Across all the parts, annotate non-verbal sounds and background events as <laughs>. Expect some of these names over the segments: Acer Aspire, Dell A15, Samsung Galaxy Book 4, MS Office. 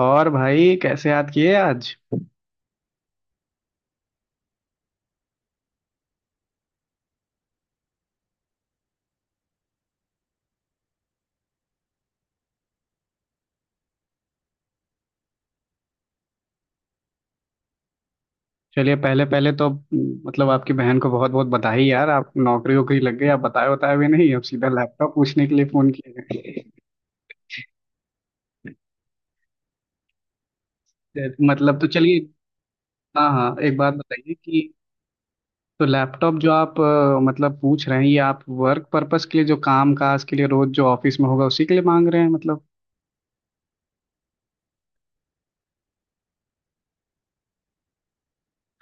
और भाई कैसे याद किए आज। चलिए पहले पहले तो मतलब आपकी बहन को बहुत बहुत बधाई यार। आप नौकरी वोकरी लग गई, आप बताए बताए भी नहीं, अब सीधा लैपटॉप पूछने के लिए फोन किए। <laughs> मतलब तो चलिए। हाँ हाँ, एक बात बताइए कि तो लैपटॉप जो आप मतलब पूछ रहे हैं, ये आप वर्क पर्पस के लिए, जो काम काज के लिए रोज जो ऑफिस में होगा उसी के लिए मांग रहे हैं मतलब।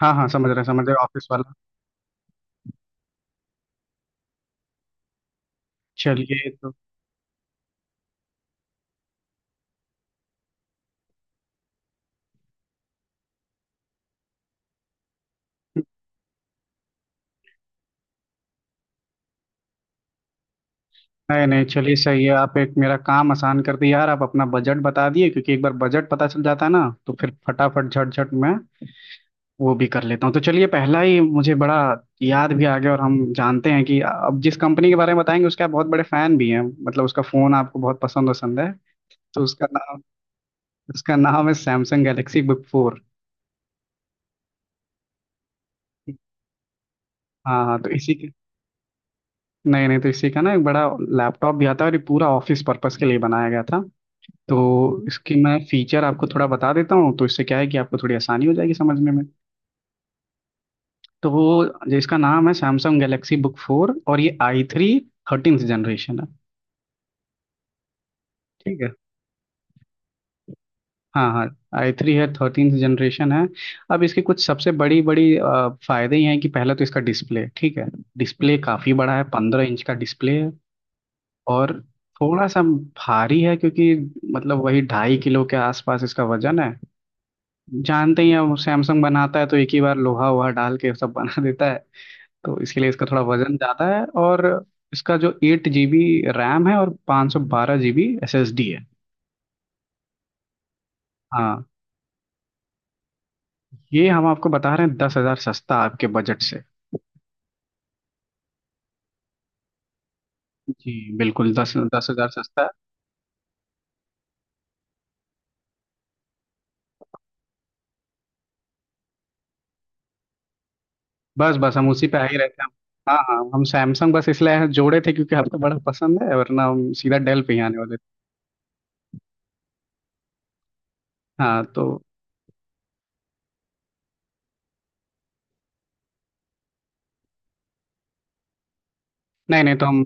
हाँ हाँ समझ रहे हैं, समझ रहे हैं, ऑफिस वाला। चलिए तो। <laughs> नहीं नहीं चलिए सही है, आप एक मेरा काम आसान कर दिए यार, आप अपना बजट बता दिए, क्योंकि एक बार बजट पता चल जाता है ना तो फिर फटाफट झटझट मैं वो भी कर लेता हूँ। तो चलिए पहला ही मुझे बड़ा याद भी आ गया। और हम जानते हैं कि अब जिस कंपनी के बारे में बताएंगे उसके आप बहुत बड़े फैन भी हैं, मतलब उसका फोन आपको बहुत पसंद पसंद है। तो उसका नाम, उसका नाम है सैमसंग गैलेक्सी बुक फोर। हाँ हाँ तो इसी के, नहीं नहीं तो इसी का ना एक बड़ा लैपटॉप भी आता है, और ये पूरा ऑफिस पर्पस के लिए बनाया गया था। तो इसकी मैं फीचर आपको थोड़ा बता देता हूँ, तो इससे क्या है कि आपको थोड़ी आसानी हो जाएगी समझने में। तो वो जो इसका नाम है सैमसंग गैलेक्सी बुक फोर, और ये आई थ्री थर्टींथ जनरेशन है। ठीक है। हाँ हाँ, आई थ्री है, थर्टींथ जनरेशन है। अब इसके कुछ सबसे बड़ी बड़ी फायदे ये हैं कि पहला तो इसका डिस्प्ले ठीक है, डिस्प्ले काफ़ी बड़ा है, पंद्रह इंच का डिस्प्ले है। और थोड़ा सा भारी है, क्योंकि मतलब वही ढाई किलो के आसपास इसका वजन है। जानते ही हैं वो सैमसंग बनाता है तो एक ही बार लोहा वोहा डाल के सब बना देता है, तो इसके लिए इसका थोड़ा वजन ज़्यादा है। और इसका जो एट जी बी रैम है, और पाँच सौ बारह G B S S D है। हाँ ये हम आपको बता रहे हैं दस हज़ार सस्ता आपके बजट से। जी बिल्कुल, दस दस हज़ार सस्ता है। बस बस हम उसी पे आ ही रहते हैं। हाँ हाँ हम सैमसंग बस इसलिए जोड़े थे क्योंकि आपको बड़ा पसंद है, वरना हम सीधा डेल पे ही आने वाले थे। हाँ तो, नहीं नहीं तो हम,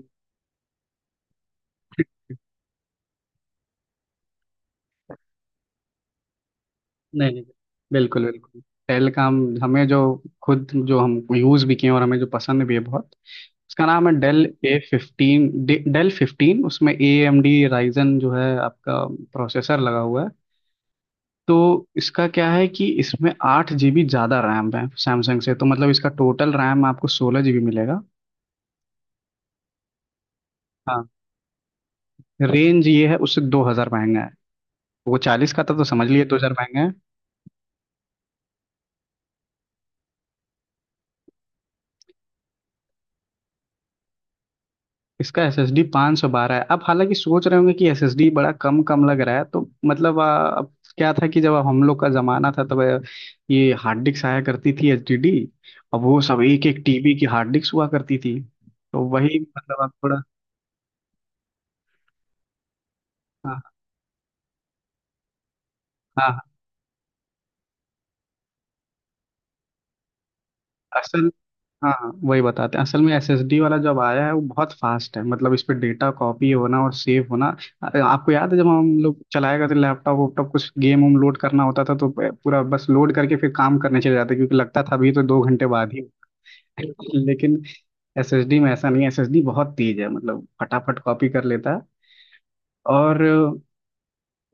नहीं नहीं बिल्कुल बिल्कुल, पहले काम हमें जो, खुद जो हम यूज़ भी किए हैं और हमें जो पसंद भी है बहुत, उसका नाम है Dell A fifteen. Dell fifteen, उसमें ए एम डी राइजन जो है आपका प्रोसेसर लगा हुआ है। तो इसका क्या है कि इसमें आठ जीबी ज़्यादा रैम है सैमसंग से, तो मतलब इसका टोटल रैम आपको सोलह जीबी मिलेगा। हाँ रेंज ये है, उससे दो हज़ार महंगा है। वो चालीस का था तो समझ लिए दो हज़ार महंगा है। इसका एसएसडी 512 सौ बारह है। आप हालांकि सोच रहे होंगे कि एसएसडी बड़ा कम कम लग रहा है, तो मतलब अब क्या था कि जब हम लोग का जमाना था तब ये हार्ड डिस्क आया करती थी, एचडीडी। अब वो सब एक एक टीबी की हार्ड डिस्क हुआ करती थी, तो वही मतलब आप थोड़ा, हाँ हाँ हाँ, असल, हाँ वही बताते हैं, असल में एसएसडी वाला जब आया है वो बहुत फास्ट है, मतलब इस पे डेटा कॉपी होना और सेव होना। आपको याद है जब हम लोग चलाया करते लैपटॉप वैपटॉप, कुछ गेम लोड करना होता था तो पूरा बस लोड करके फिर काम करने चले जाते, क्योंकि लगता था अभी तो दो घंटे बाद ही। <laughs> लेकिन एसएसडी में ऐसा नहीं है, एसएसडी बहुत तेज है, मतलब फटाफट कॉपी कर लेता है। और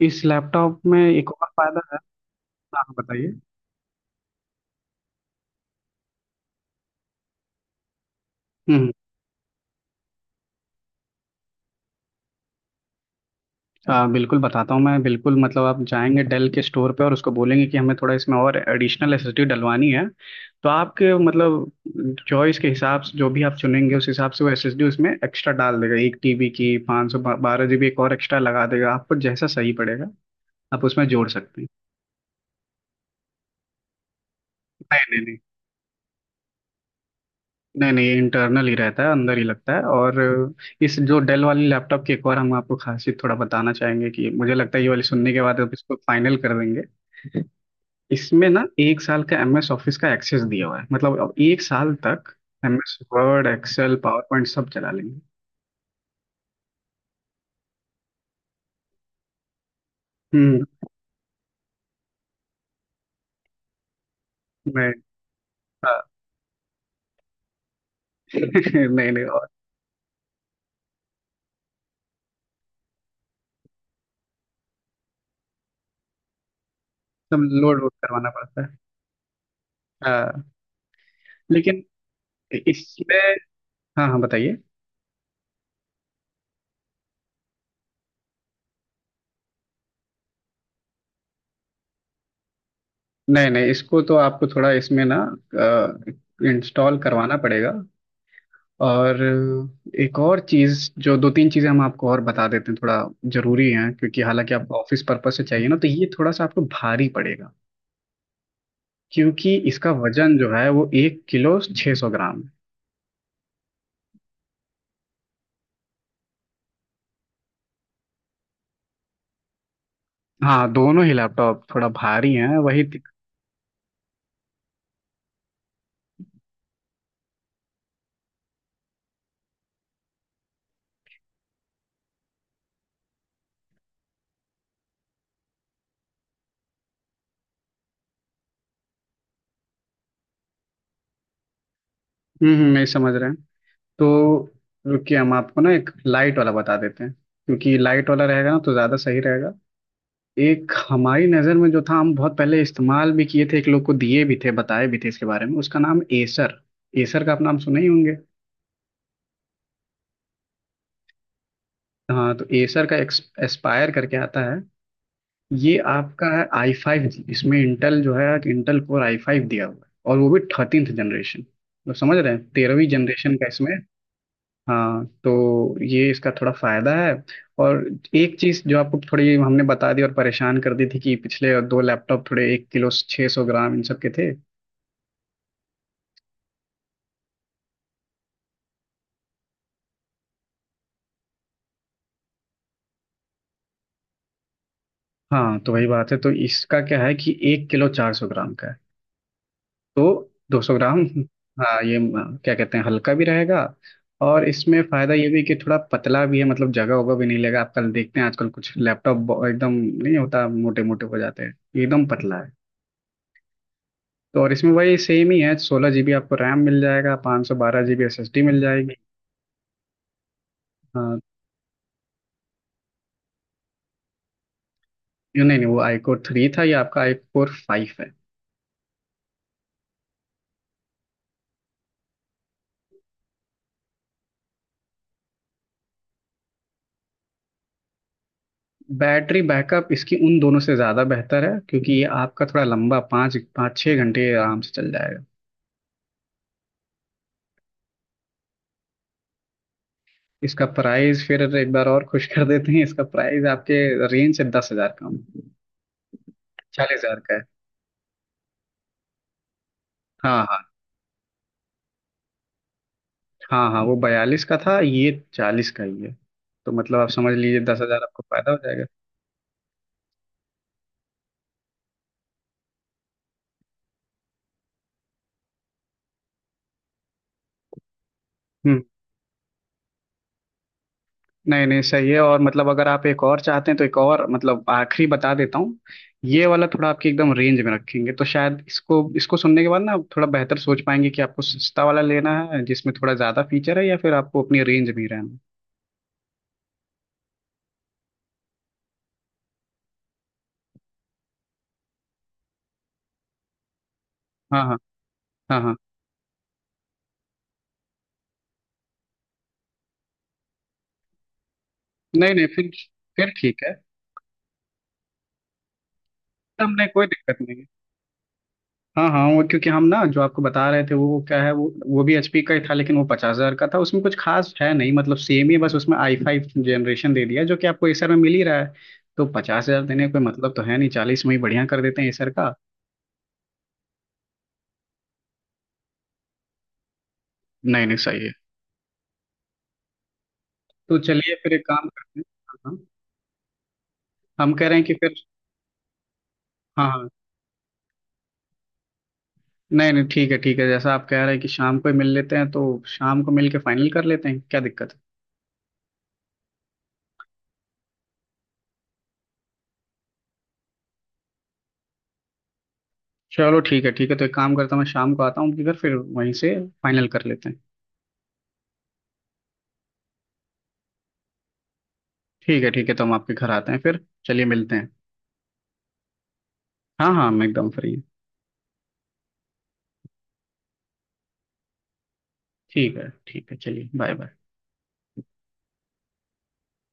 इस लैपटॉप में एक और फायदा है। हाँ बताइए। हम्म, बिल्कुल बताता हूँ, मैं बिल्कुल मतलब आप जाएंगे डेल के स्टोर पे और उसको बोलेंगे कि हमें थोड़ा इसमें और एडिशनल एसएसडी डलवानी है। तो आपके मतलब चॉइस के हिसाब से जो भी आप चुनेंगे उस हिसाब से वो एसएसडी उसमें एक्स्ट्रा डाल देगा, एक टीबी की पाँच सौ बारह जीबी एक और एक्स्ट्रा लगा देगा, आपको जैसा सही पड़ेगा आप उसमें जोड़ सकते हैं। नहीं नहीं नहीं नहीं नहीं, ये इंटरनल ही रहता है, अंदर ही लगता है। और इस जो डेल वाली लैपटॉप की एक और हम आपको खासियत थोड़ा बताना चाहेंगे कि मुझे लगता है ये वाली सुनने के बाद आप इसको फाइनल कर देंगे। इसमें ना एक साल का एमएस ऑफिस का एक्सेस दिया हुआ है, मतलब अब एक साल तक MS Word Excel PowerPoint सब चला लेंगे। हम्म। नहीं, हाँ, <laughs> नहीं नहीं। और सब लोड वोड करवाना पड़ता है। हाँ लेकिन इसमें, हाँ हाँ बताइए, नहीं नहीं, इसको तो आपको थोड़ा इसमें ना इंस्टॉल करवाना पड़ेगा। और एक और चीज़, जो दो तीन चीज़ें हम आपको और बता देते हैं, थोड़ा ज़रूरी है क्योंकि हालांकि आपको ऑफिस पर्पस से चाहिए ना तो ये थोड़ा सा आपको भारी पड़ेगा, क्योंकि इसका वजन जो है वो एक किलो छः सौ ग्राम है। हाँ दोनों ही लैपटॉप थोड़ा भारी हैं, वही मैं समझ रहे हैं। तो रुकिए हम आपको ना एक लाइट वाला बता देते हैं, क्योंकि लाइट वाला रहेगा ना तो ज़्यादा सही रहेगा। एक हमारी नज़र में जो था, हम बहुत पहले इस्तेमाल भी किए थे, एक लोग को दिए भी थे, बताए भी थे इसके बारे में, उसका नाम एसर। एसर का आप नाम सुने ही होंगे। हाँ तो एसर का एक्स एस्पायर करके आता है, ये आपका है आई फाइव जी, इसमें इंटेल जो है इंटेल कोर आई फाइव दिया हुआ है, और वो भी थर्टींथ जनरेशन, तो समझ रहे हैं तेरहवीं जनरेशन का इसमें। हाँ तो ये इसका थोड़ा फायदा है। और एक चीज जो आपको थोड़ी हमने बता दी और परेशान कर दी थी कि पिछले दो लैपटॉप थोड़े एक किलो छः सौ ग्राम इन सब के थे। हाँ तो वही बात है, तो इसका क्या है कि एक किलो चार सौ ग्राम का है, तो 200 ग्राम। हाँ ये क्या कहते हैं, हल्का भी रहेगा। और इसमें फायदा ये भी कि थोड़ा पतला भी है, मतलब जगह होगा भी नहीं लेगा। आप कल देखते हैं आजकल कुछ लैपटॉप एकदम नहीं होता, मोटे मोटे हो जाते हैं, ये एकदम पतला है। तो और इसमें वही सेम ही है, सोलह जीबी आपको रैम मिल जाएगा, पाँच सौ बारह जीबी एस एस डी मिल जाएगी। हाँ ये, नहीं नहीं, वो आई कोर थ्री था, ये आपका आई कोर फाइव है। बैटरी बैकअप इसकी उन दोनों से ज़्यादा बेहतर है, क्योंकि ये आपका थोड़ा लंबा पाँच पाँच छः घंटे आराम से चल जाएगा। इसका प्राइस फिर एक बार और खुश कर देते हैं, इसका प्राइस आपके रेंज से दस हजार कम, चालीस हजार का है। हाँ हाँ, हाँ हाँ वो बयालीस का था, ये चालीस का ही है। तो मतलब आप समझ लीजिए दस हजार आपको फायदा हो जाएगा। हम्म। नहीं नहीं सही है। और मतलब अगर आप एक और चाहते हैं तो एक और मतलब आखिरी बता देता हूँ। ये वाला थोड़ा आपकी एकदम रेंज में रखेंगे, तो शायद इसको इसको सुनने के बाद ना आप थोड़ा बेहतर सोच पाएंगे कि आपको सस्ता वाला लेना है जिसमें थोड़ा ज्यादा फीचर है या फिर आपको अपनी रेंज में ही रहना है। हाँ हाँ हाँ हाँ। नहीं नहीं फिर, फिर ठीक है। हमने कोई दिक्कत नहीं है। हाँ हाँ, वो क्योंकि हम ना जो आपको बता रहे थे वो क्या है, वो भी एचपी का ही था, लेकिन वो पचास हजार का था, उसमें कुछ खास है नहीं, मतलब सेम ही है, बस उसमें आई फाइव जनरेशन दे दिया जो कि आपको एसर में मिल ही रहा है। तो पचास हजार देने का कोई मतलब तो है नहीं, चालीस में ही बढ़िया कर देते हैं एसर का। नहीं नहीं सही है। तो चलिए फिर एक काम करते हैं। हाँ, हाँ। हम कह रहे हैं कि फिर, हाँ हाँ, नहीं नहीं ठीक है ठीक है, जैसा आप कह रहे हैं कि शाम को ही मिल लेते हैं तो शाम को मिल के फाइनल कर लेते हैं, क्या दिक्कत है। चलो ठीक है ठीक है, तो एक काम करता हूँ, मैं शाम को आता हूँ आपके घर, फिर वहीं से फाइनल कर लेते हैं। ठीक है ठीक है, तो हम आपके घर आते हैं, फिर चलिए मिलते हैं। हाँ हाँ मैं एकदम फ्री हूँ। ठीक है चलिए बाय बाय।